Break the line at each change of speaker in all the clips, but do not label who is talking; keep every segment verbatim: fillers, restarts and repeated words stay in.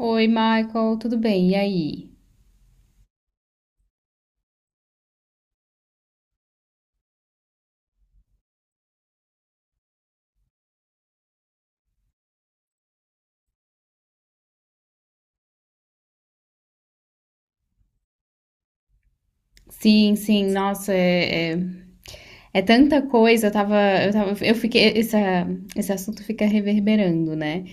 Oi, Michael, tudo bem? E aí? Sim, sim, nossa, é, é, é tanta coisa, eu tava, eu tava, eu fiquei, essa, esse assunto fica reverberando, né?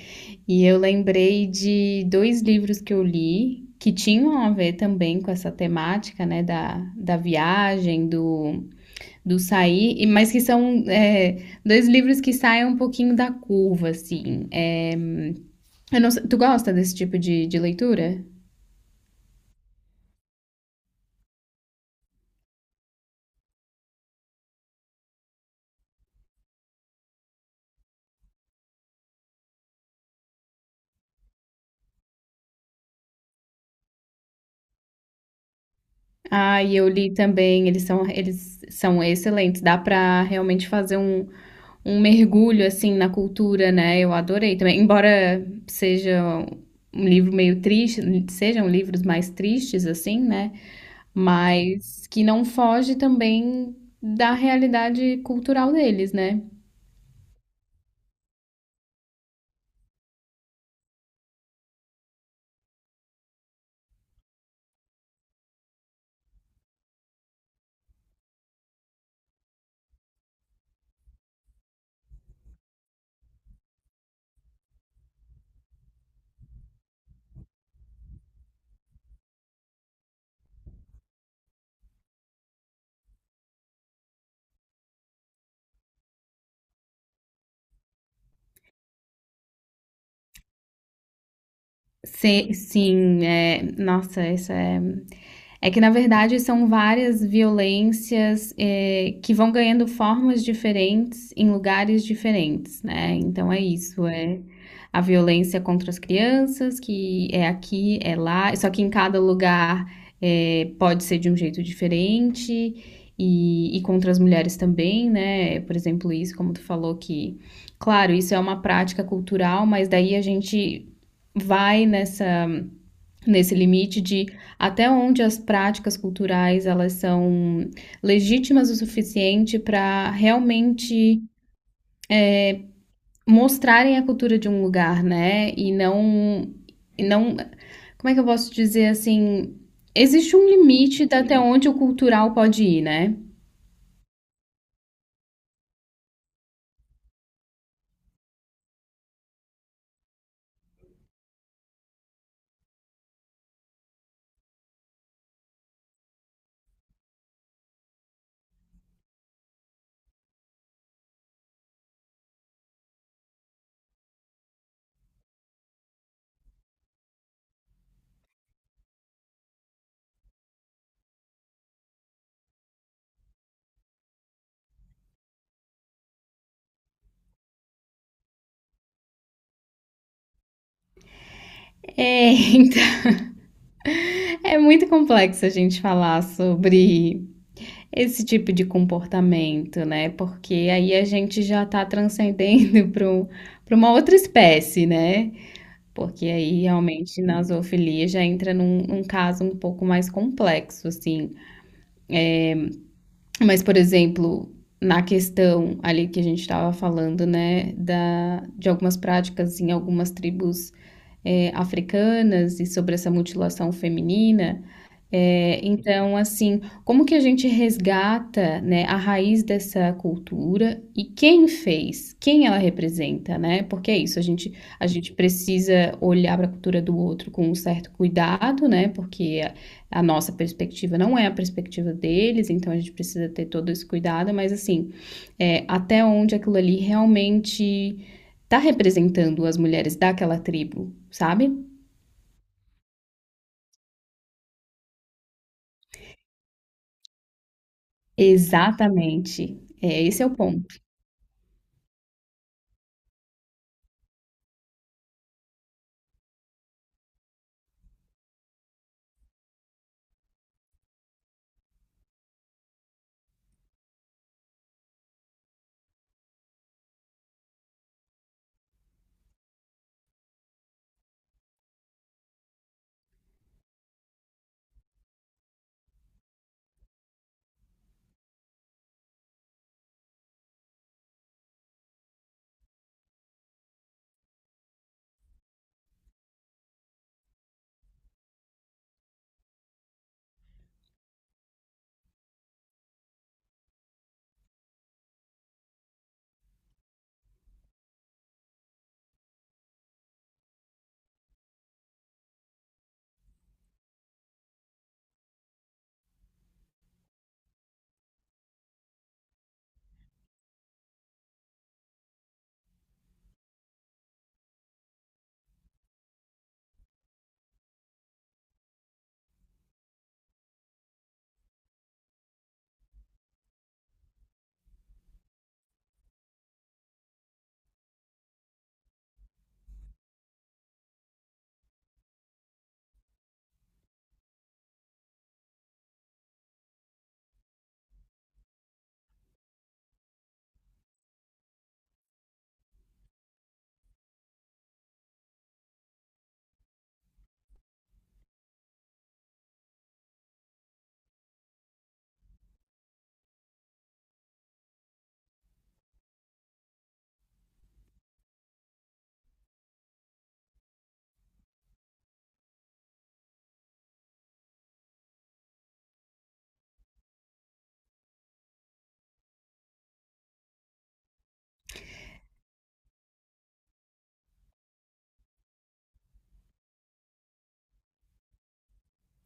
E eu lembrei de dois livros que eu li que tinham a ver também com essa temática, né, da, da viagem, do, do sair, e- mas que são, é, dois livros que saem um pouquinho da curva, assim. É, Eu não sei- Tu gosta desse tipo de, de leitura? Ah, e eu li também, eles são, eles são excelentes. Dá pra realmente fazer um, um mergulho assim na cultura, né? Eu adorei também. Embora seja um livro meio triste, sejam livros mais tristes assim, né? Mas que não foge também da realidade cultural deles, né? Se- sim, é, nossa, essa é. É que, na verdade, são várias violências eh, que vão ganhando formas diferentes em lugares diferentes, né? Então é isso, é a violência contra as crianças, que é aqui, é lá, só que em cada lugar eh, pode ser de um jeito diferente, e, e contra as mulheres também, né? Por exemplo, isso, como tu falou, que, claro, isso é uma prática cultural, mas daí a gente vai nessa nesse limite de até onde as práticas culturais elas são legítimas o suficiente para realmente mostrarem a cultura de um lugar, né? E não e não como é que eu posso dizer assim, existe um limite de até onde o cultural pode ir, né? É, então, é muito complexo a gente falar sobre esse tipo de comportamento, né? Porque aí a gente já está transcendendo para um, uma outra espécie, né? Porque aí realmente na zoofilia já entra num, num caso um pouco mais complexo, assim. Mas, por exemplo, na questão ali que a gente estava falando, né, da, de algumas práticas em algumas tribos eh, africanas e sobre essa mutilação feminina. É, então, assim, como que a gente resgata, né, a raiz dessa cultura e quem fez, quem ela representa, né? Porque é isso, a gente, a gente precisa olhar para a cultura do outro com um certo cuidado, né? Porque a, a nossa perspectiva não é a perspectiva deles, então a gente precisa ter todo esse cuidado, mas assim, é, até onde aquilo ali realmente está representando as mulheres daquela tribo, sabe? Exatamente. É, esse é o ponto.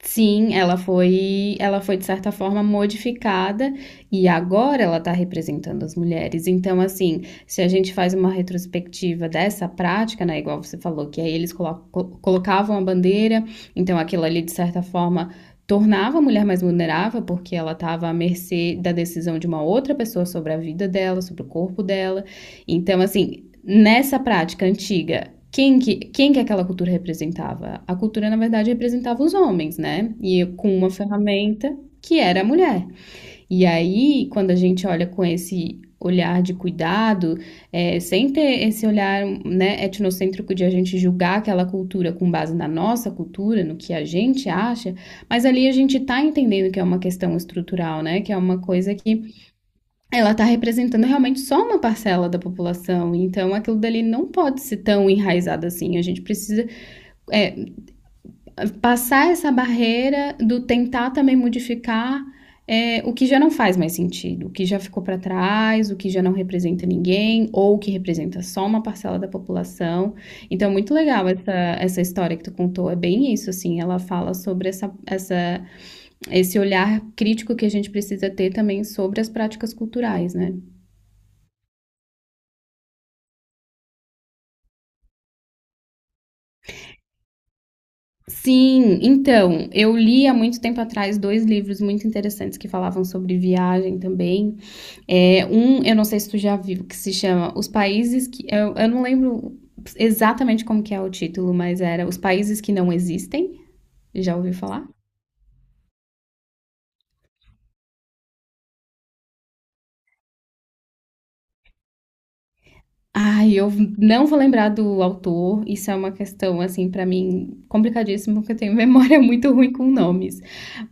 Sim, ela foi ela foi de certa forma modificada e agora ela está representando as mulheres. Então, assim, se a gente faz uma retrospectiva dessa prática, né, igual você falou, que aí eles colo- co- colocavam a bandeira, então aquilo ali de certa forma tornava a mulher mais vulnerável porque ela estava à mercê da decisão de uma outra pessoa sobre a vida dela, sobre o corpo dela. Então, assim, nessa prática antiga, quem que, quem que aquela cultura representava? A cultura, na verdade, representava os homens, né? E com uma ferramenta que era a mulher. E aí, quando a gente olha com esse olhar de cuidado, é, sem ter esse olhar né, etnocêntrico de a gente julgar aquela cultura com base na nossa cultura, no que a gente acha, mas ali a gente está entendendo que é uma questão estrutural, né? Que é uma coisa que ela está representando realmente só uma parcela da população, então aquilo dali não pode ser tão enraizado assim. A gente precisa é, passar essa barreira do tentar também modificar é, o que já não faz mais sentido, o que já ficou para trás, o que já não representa ninguém, ou o que representa só uma parcela da população. Então, muito legal essa, essa história que tu contou, é bem isso, assim, ela fala sobre essa, essa, esse olhar crítico que a gente precisa ter também sobre as práticas culturais, né? Sim, então, eu li há muito tempo atrás dois livros muito interessantes que falavam sobre viagem também. É, um, eu não sei se tu já viu, que se chama Os Países que. Eu, eu não lembro exatamente como que é o título, mas era Os Países que Não Existem. Já ouviu falar? Ai, eu não vou lembrar do autor. Isso é uma questão, assim, pra mim complicadíssima, porque eu tenho memória muito ruim com nomes.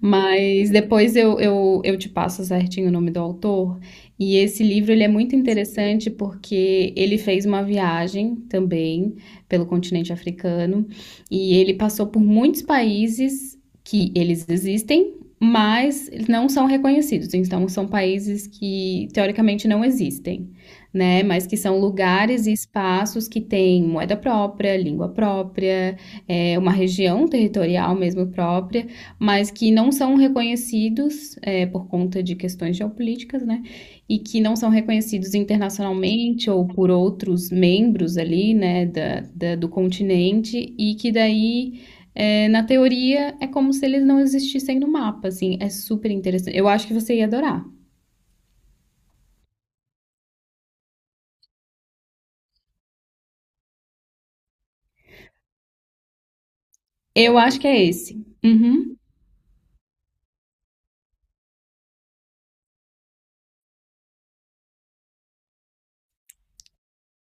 Mas depois eu, eu, eu te passo certinho o nome do autor. E esse livro ele é muito interessante porque ele fez uma viagem também pelo continente africano e ele passou por muitos países que eles existem, mas não são reconhecidos. Então, são países que teoricamente não existem né, mas que são lugares e espaços que têm moeda própria, língua própria, eh, uma região territorial mesmo própria, mas que não são reconhecidos, eh, por conta de questões geopolíticas, né, e que não são reconhecidos internacionalmente ou por outros membros ali, né, da, da- do continente, e que daí eh, na teoria, é como se eles não existissem no mapa, assim, é super interessante. Eu acho que você ia adorar. Eu acho que é esse. Uhum.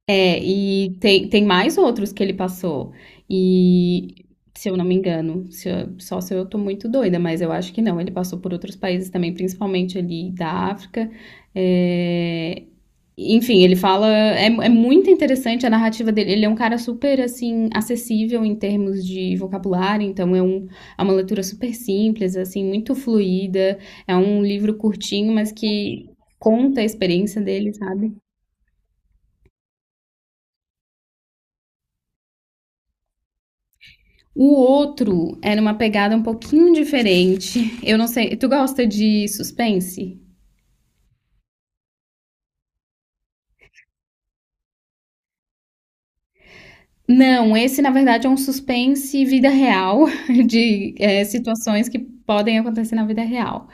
É, e tem, tem mais outros que ele passou. E, se eu não me engano, se eu- só se eu tô muito doida, mas eu acho que não. Ele passou por outros países também, principalmente ali da África. É, enfim, ele fala. É, é muito interessante a narrativa dele. Ele é um cara super, assim, acessível em termos de vocabulário, então é, um, é uma leitura super simples, assim, muito fluida. É um livro curtinho, mas que conta a experiência dele, sabe? O outro era uma pegada um pouquinho diferente. Eu não sei. Tu gosta de suspense? Não, esse na verdade é um suspense vida real, de é, situações que podem acontecer na vida real.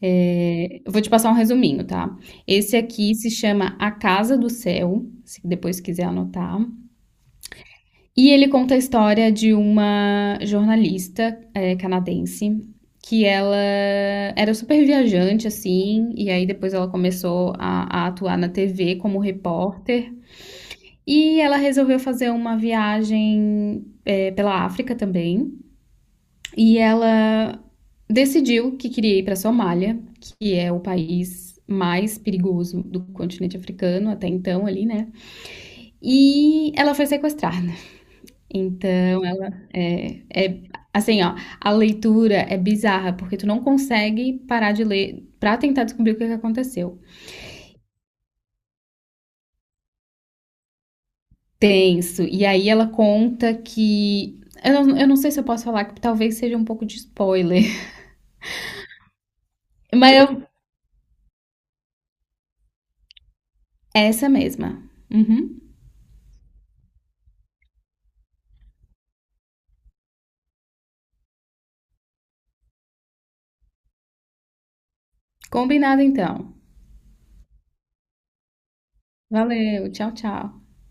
É, eu vou te passar um resuminho, tá? Esse aqui se chama A Casa do Céu, se depois quiser anotar. E ele conta a história de uma jornalista eh, canadense que ela era super viajante, assim, e aí depois ela começou a, a atuar na T V como repórter. E ela resolveu fazer uma viagem eh, pela África também. E ela decidiu que queria ir para a Somália, que é o país mais perigoso do continente africano até então ali, né? E ela foi sequestrada. Então ela é é assim, ó, a leitura é bizarra, porque tu não consegue parar de ler pra tentar descobrir o que é que aconteceu. Tenso. E aí ela conta que eu não eu não sei se eu posso falar, que talvez seja um pouco de spoiler, mas eu essa mesma. Uhum. Combinado então. Valeu, tchau, tchau.